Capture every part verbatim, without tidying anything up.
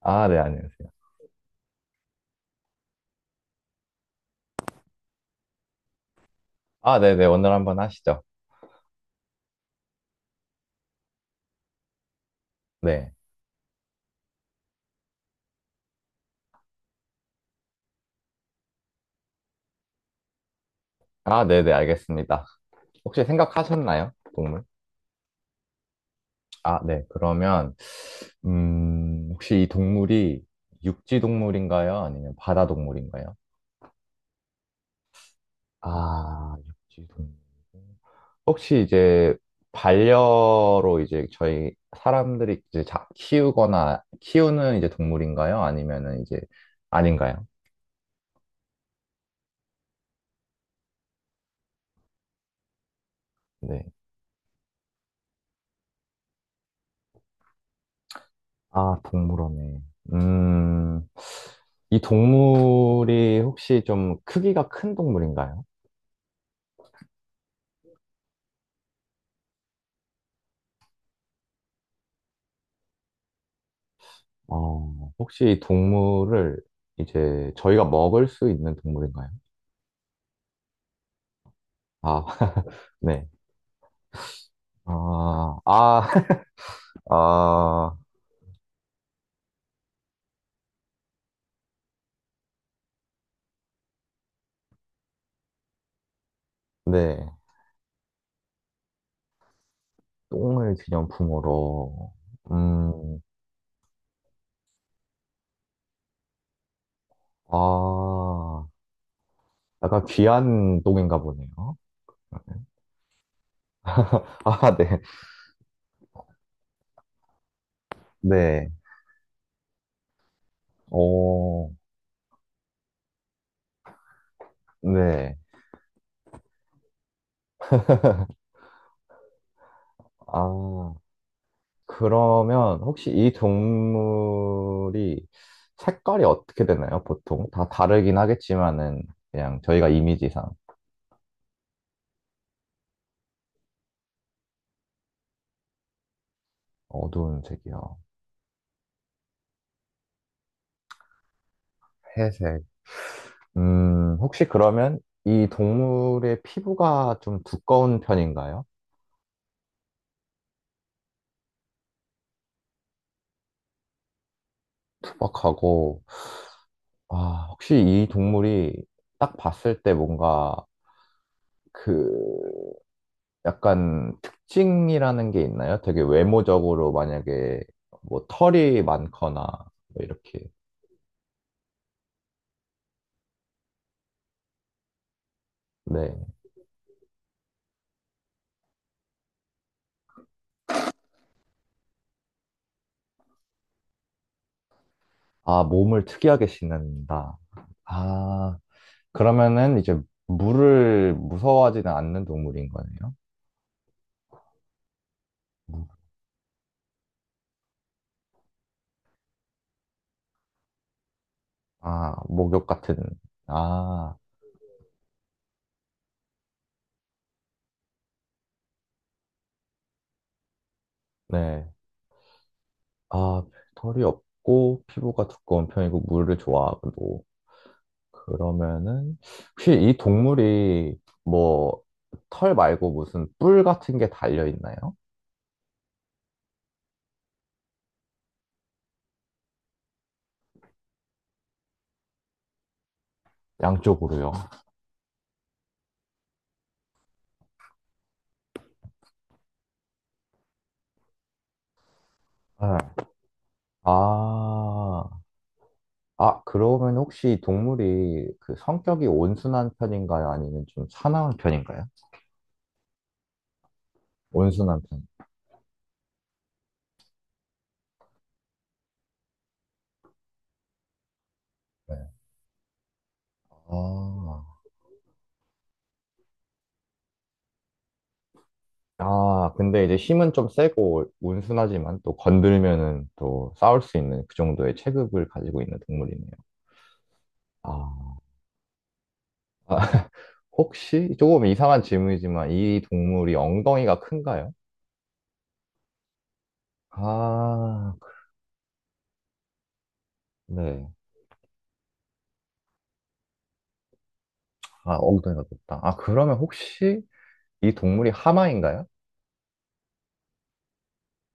아, 네, 안녕하세요. 아, 네 네, 오늘 한번 하시죠. 네. 아, 네 네, 알겠습니다. 혹시 생각하셨나요? 동물? 아, 네, 그러면, 음, 혹시 이 동물이 육지 동물인가요? 아니면 바다 동물인가요? 아, 육지 동물. 혹시 이제 반려로 이제 저희 사람들이 이제 자- 키우거나 키우는 이제 동물인가요? 아니면은 이제 아닌가요? 네. 아, 동물원에. 음, 이 동물이 혹시 좀 크기가 큰 동물인가요? 어, 혹시 이 동물을 이제 저희가 먹을 수 있는 동물인가요? 아, 네. 아, 아, 아, 네. 똥을 기념품으로. 음, 아, 약간 귀한 똥인가 보네요. 아, 네. 네. 오, 네. 아. 그러면 혹시 이 동물이 색깔이 어떻게 되나요? 보통 다 다르긴 하겠지만은 그냥 저희가 이미지상 어두운 색이요. 회색. 음, 혹시 그러면 이 동물의 피부가 좀 두꺼운 편인가요? 투박하고. 아, 혹시 이 동물이 딱 봤을 때 뭔가 그 약간 특징이라는 게 있나요? 되게 외모적으로 만약에 뭐 털이 많거나 뭐 이렇게. 네. 아, 몸을 특이하게 씻는다. 아, 그러면은 이제 물을 무서워하지는 않는 동물인 거네요? 물. 아, 목욕 같은. 아, 네. 아, 털이 없고 피부가 두꺼운 편이고 물을 좋아하고. 그러면은 혹시 이 동물이 뭐 털 말고 무슨 뿔 같은 게 달려 있나요? 양쪽으로요. 네. 아, 아, 그러면 혹시 동물이 그 성격이 온순한 편인가요? 아니면 좀 사나운 편인가요? 온순한 편. 네. 아, 아, 근데 이제 힘은 좀 세고 온순하지만 또 건들면은 또 싸울 수 있는 그 정도의 체급을 가지고 있는 동물이네요. 아, 아, 혹시 조금 이상한 질문이지만 이 동물이 엉덩이가 큰가요? 아, 네. 아, 엉덩이가 높다. 아, 그러면 혹시 이 동물이 하마인가요?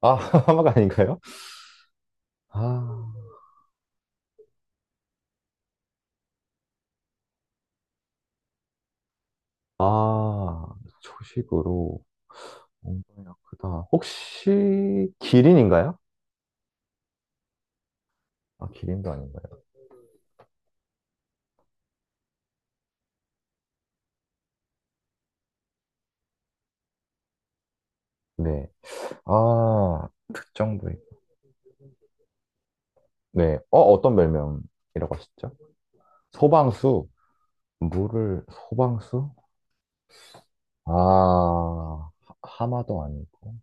아, 하마가 아닌가요? 아. 아, 초식으로 엉덩이가 크다. 혹시 기린인가요? 아, 기린도 아닌가요? 네. 아, 특정 부위. 네. 어, 어떤 별명이라고 하셨죠? 소방수. 물을, 소방수? 아, 하- 하마도 아니고.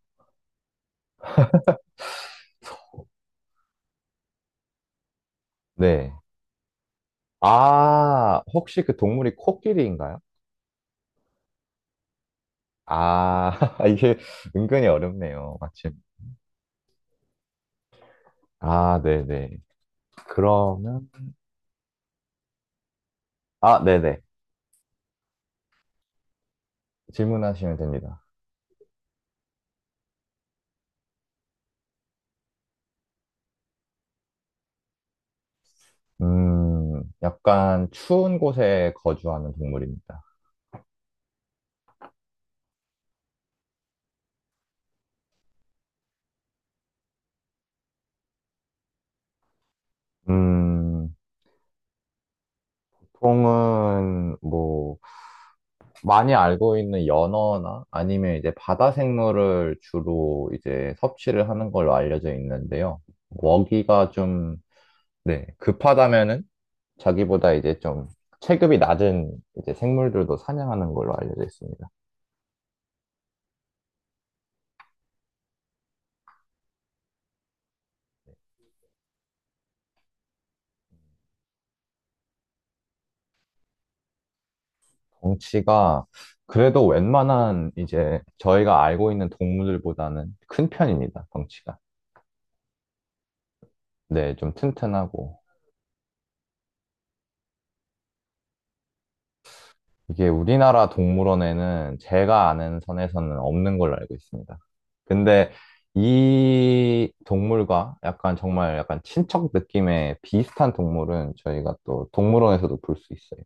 네. 아, 혹시 그 동물이 코끼리인가요? 아, 이게 은근히 어렵네요. 마침. 아, 네네. 그러면, 아, 네네. 질문하시면 됩니다. 음, 약간 추운 곳에 거주하는 동물입니다. 음, 보통은 뭐 많이 알고 있는 연어나 아니면 이제 바다 생물을 주로 이제 섭취를 하는 걸로 알려져 있는데요. 먹이가 좀, 네, 급하다면은 자기보다 이제 좀 체급이 낮은 이제 생물들도 사냥하는 걸로 알려져 있습니다. 덩치가 그래도 웬만한 이제 저희가 알고 있는 동물들보다는 큰 편입니다, 덩치가. 네, 좀 튼튼하고. 이게 우리나라 동물원에는 제가 아는 선에서는 없는 걸로 알고 있습니다. 근데 이 동물과 약간 정말 약간 친척 느낌의 비슷한 동물은 저희가 또 동물원에서도 볼 수 있어요.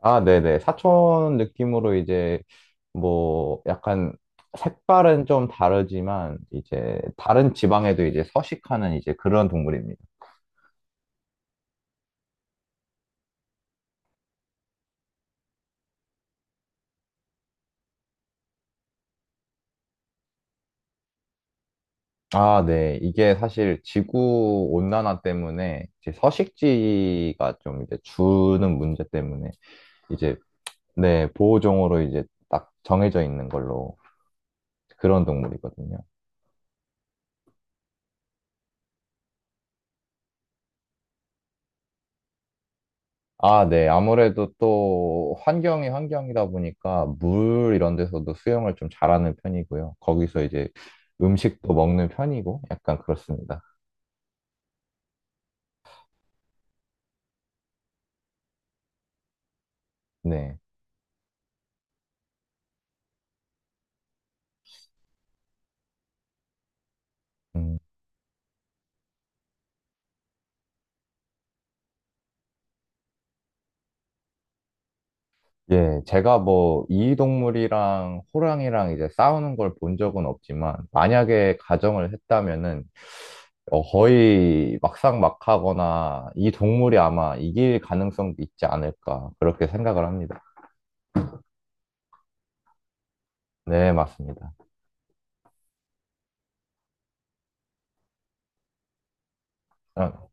아, 네네. 사촌 느낌으로 이제 뭐 약간 색깔은 좀 다르지만 이제 다른 지방에도 이제 서식하는 이제 그런 동물입니다. 아, 네. 이게 사실 지구 온난화 때문에 이제 서식지가 좀 이제 주는 문제 때문에 이제 네, 보호종으로 이제 딱 정해져 있는 걸로 그런 동물이거든요. 아, 네. 아무래도 또 환경이 환경이다 보니까 물 이런 데서도 수영을 좀 잘하는 편이고요. 거기서 이제 음식도 먹는 편이고 약간 그렇습니다. 네. 음. 예, 제가 뭐 이동물이랑 호랑이랑 이제 싸우는 걸 본 적은 없지만 만약에 가정을 했다면은 어, 거의 막상막하거나 이 동물이 아마 이길 가능성도 있지 않을까 그렇게 생각을 합니다. 네, 맞습니다. 어,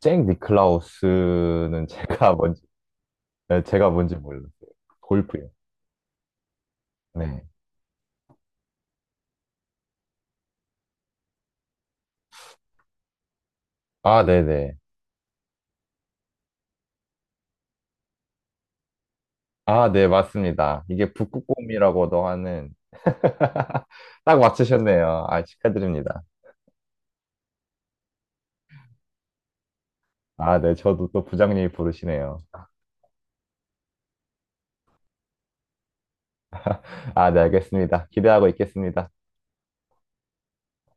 잭 니클라우스는 제가 뭔지. 네, 제가 뭔지 몰랐어요. 골프요. 네. 아, 네, 네. 아, 네, 맞습니다. 이게 북극곰이라고도 하는 딱 맞추셨네요. 아, 축하드립니다. 아, 네, 저도 또 부장님이 부르시네요. 아, 네, 알겠습니다. 기대하고 있겠습니다.